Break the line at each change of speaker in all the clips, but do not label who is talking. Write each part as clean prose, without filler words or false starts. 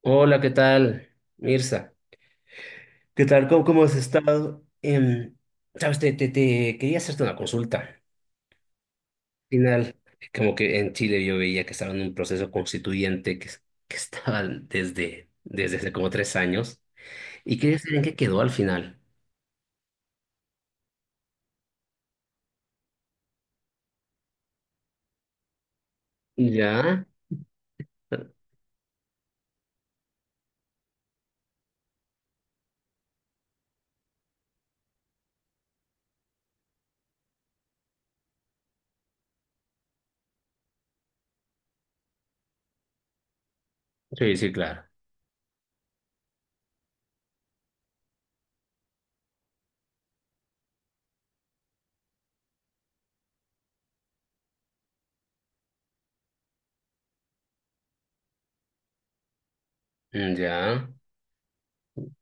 Hola, ¿qué tal, Mirza? ¿Qué tal? ¿Cómo has estado? Sabes, te quería hacerte una consulta. Al final, como que en Chile yo veía que estaban en un proceso constituyente que que estaban desde hace como 3 años. Y quería saber en qué quedó al final. ¿Ya? Sí, sí, claro. Ya.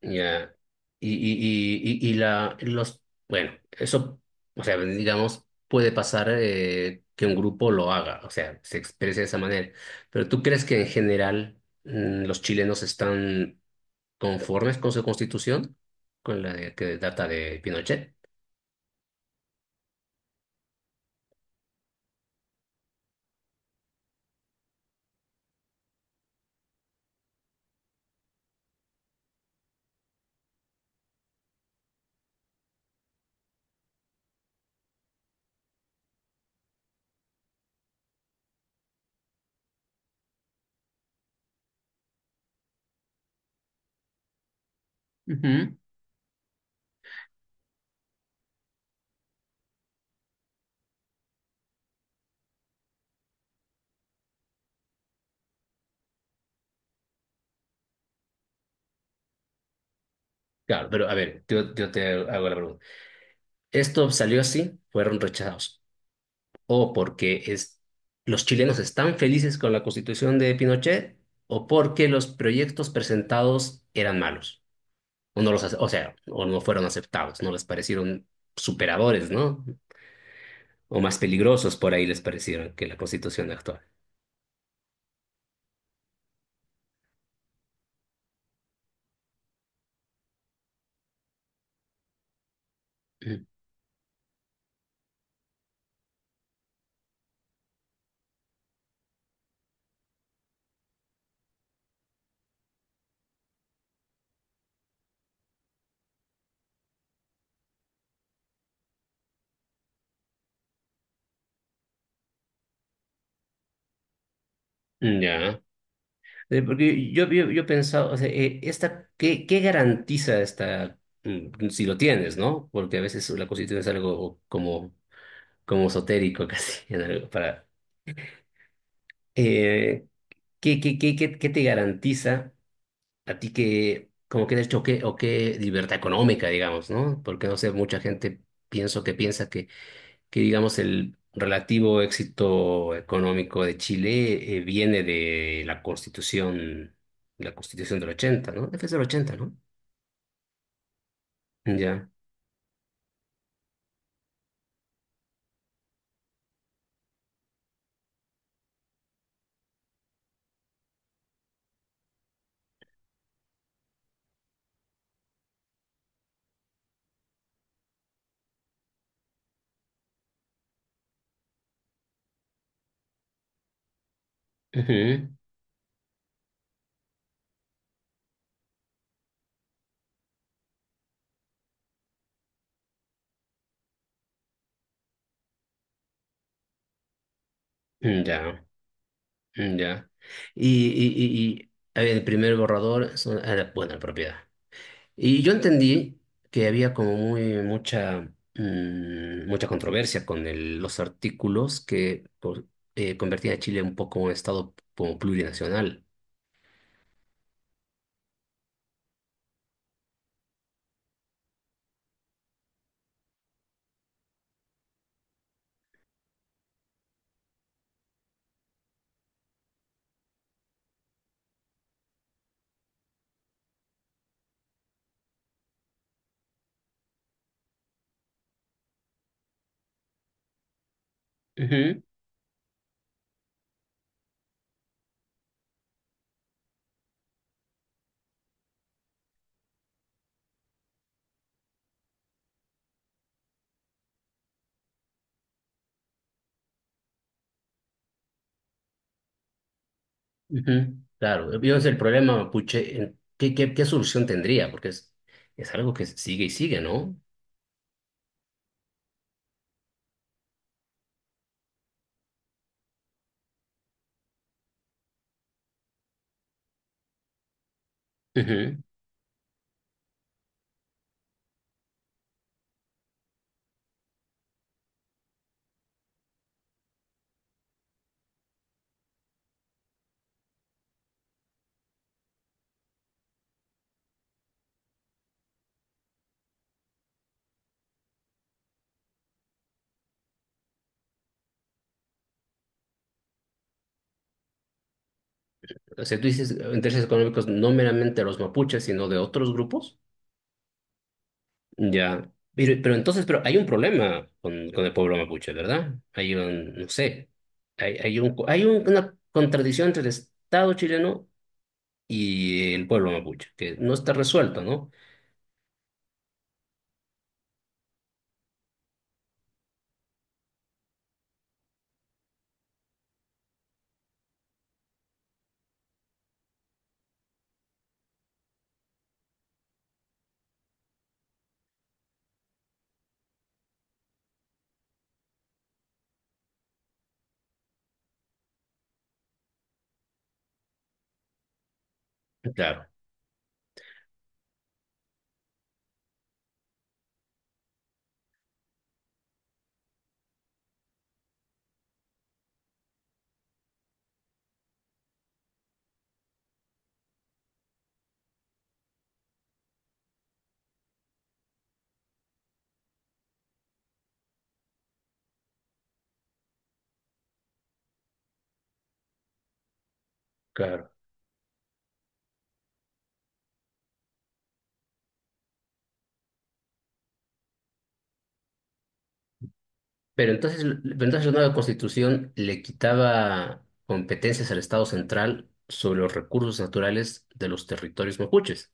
Ya. Y bueno, eso, o sea, digamos, puede pasar que un grupo lo haga, o sea, se exprese de esa manera. Pero ¿tú crees que en general los chilenos están conformes con su constitución, que data de Pinochet? Ujú. Claro, pero a ver, yo te hago la pregunta. Esto salió así, fueron rechazados. O porque es, los chilenos están felices con la constitución de Pinochet, o porque los proyectos presentados eran malos, o sea, o no fueron aceptados, no les parecieron superadores, ¿no? O más peligrosos por ahí les parecieron que la constitución actual. Mm. Ya. Porque yo pensaba, o sea, ¿qué, qué garantiza esta, mm, si lo tienes, ¿no? Porque a veces la constitución es algo como, como esotérico casi, en algo, para, Eh, ¿qué te garantiza a ti que, como que de hecho, qué, o qué libertad económica, digamos, ¿no? Porque no sé, mucha gente pienso que piensa que digamos, el relativo éxito económico de Chile viene de la Constitución del 80, ¿no? Es del 80, ¿no? Ya. Ujú. Ya. Ya. Y, y, y a ver, el primer borrador, era, bueno, la propiedad. Y yo entendí que había como muy mucha mm, mucha controversia con los artículos que convertían a Chile un poco en un estado como plurinacional. Ujú, ujú. Claro, yo es el problema mapuche, en ¿qué solución tendría? Porque es algo que sigue y sigue, ¿no? Ujú. O sea, tú dices intereses económicos no meramente de los mapuches, sino de otros grupos. Ya. Pero entonces, pero hay un problema con el pueblo mapuche, ¿verdad? Hay un, no sé, hay una contradicción entre el Estado chileno y el pueblo mapuche, que no está resuelta, ¿no? Claro, claro. Pero entonces la nueva constitución le quitaba competencias al Estado central sobre los recursos naturales de los territorios mapuches.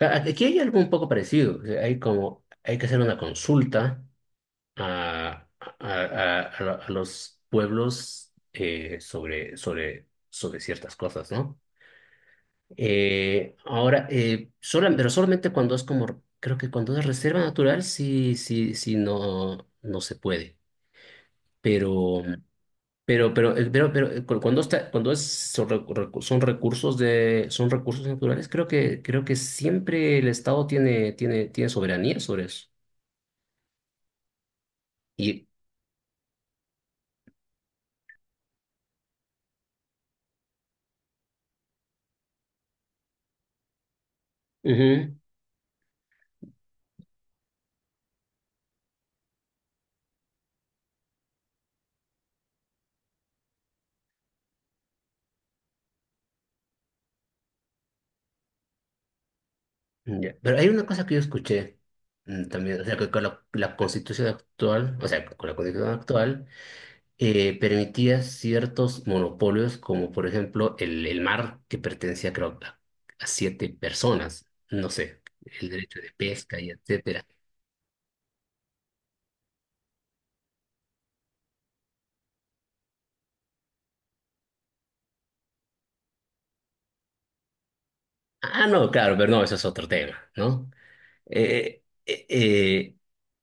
Aquí hay algo un poco parecido, o sea, hay como, hay que hacer una consulta a a los pueblos sobre, sobre ciertas cosas, ¿no? Pero solamente cuando es como, creo que cuando es reserva natural, sí, sí, sí, no, no se puede. Pero, pero cuando está, cuando es, son, son recursos de, son recursos naturales, creo que siempre el Estado tiene, tiene, tiene soberanía sobre eso. Y, Ujú. Ya. Pero hay una cosa que yo escuché también, o sea, que con la constitución actual, o sea, con la constitución actual, permitía ciertos monopolios, como por ejemplo el mar, que pertenecía creo a 7 personas, no sé, el derecho de pesca y etcétera. Ah, no, claro, pero no, eso es otro tema, ¿no? Eh, eh, eh,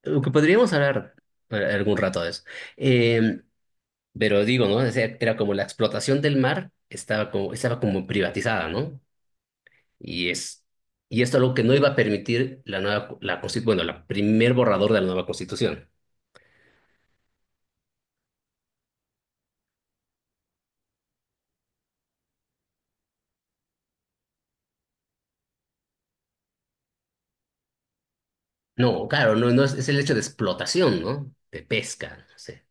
lo que podríamos hablar algún rato de eso. Em, Pero digo, ¿no? O sea, era como la explotación del mar estaba como privatizada, ¿no? Y es, y esto es algo que no iba a permitir la nueva, bueno, la primer borrador de la nueva constitución. No, claro, no, no es, es el hecho de explotación, ¿no? De pesca, no sé.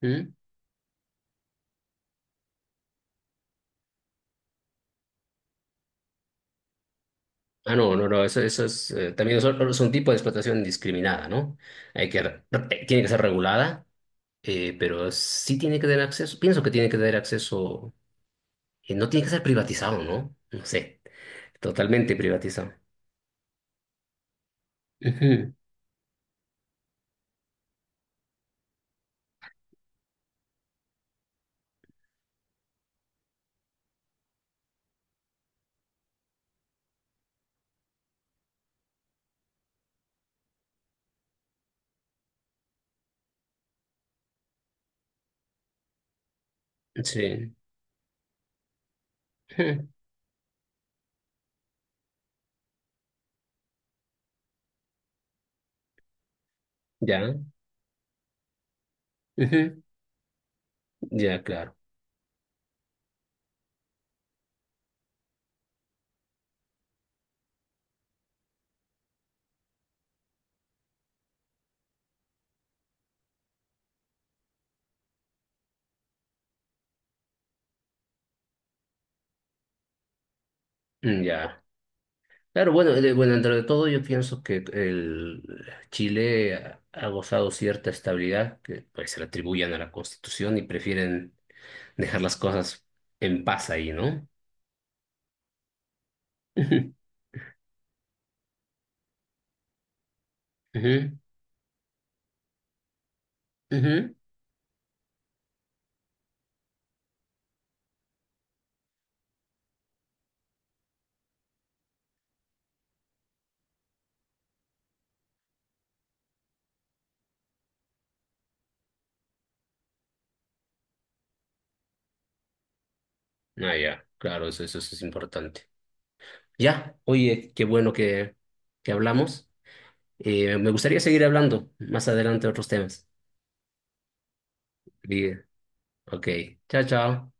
¿Mm? Ah, no, no, no, eso es, también es, es un tipo de explotación indiscriminada, ¿no? Hay que, re- tiene que ser regulada, pero sí tiene que tener acceso, pienso que tiene que tener acceso. Y no tiene que ser privatizado, ¿no? No sé, totalmente privatizado. Ujú, sí, ujú, ya, ujú, ya, claro, mm, ya. Claro, bueno, bueno, dentro de todo yo pienso que el Chile ha, ha gozado cierta estabilidad que pues se le atribuyen a la Constitución y prefieren dejar las cosas en paz ahí, ¿no? Ujú, ujú, ujú. Ah, ya, claro, eso es importante. Ya, oye, qué bueno que hablamos. Me gustaría seguir hablando más adelante de otros temas. Bien. Ok, chao, chao.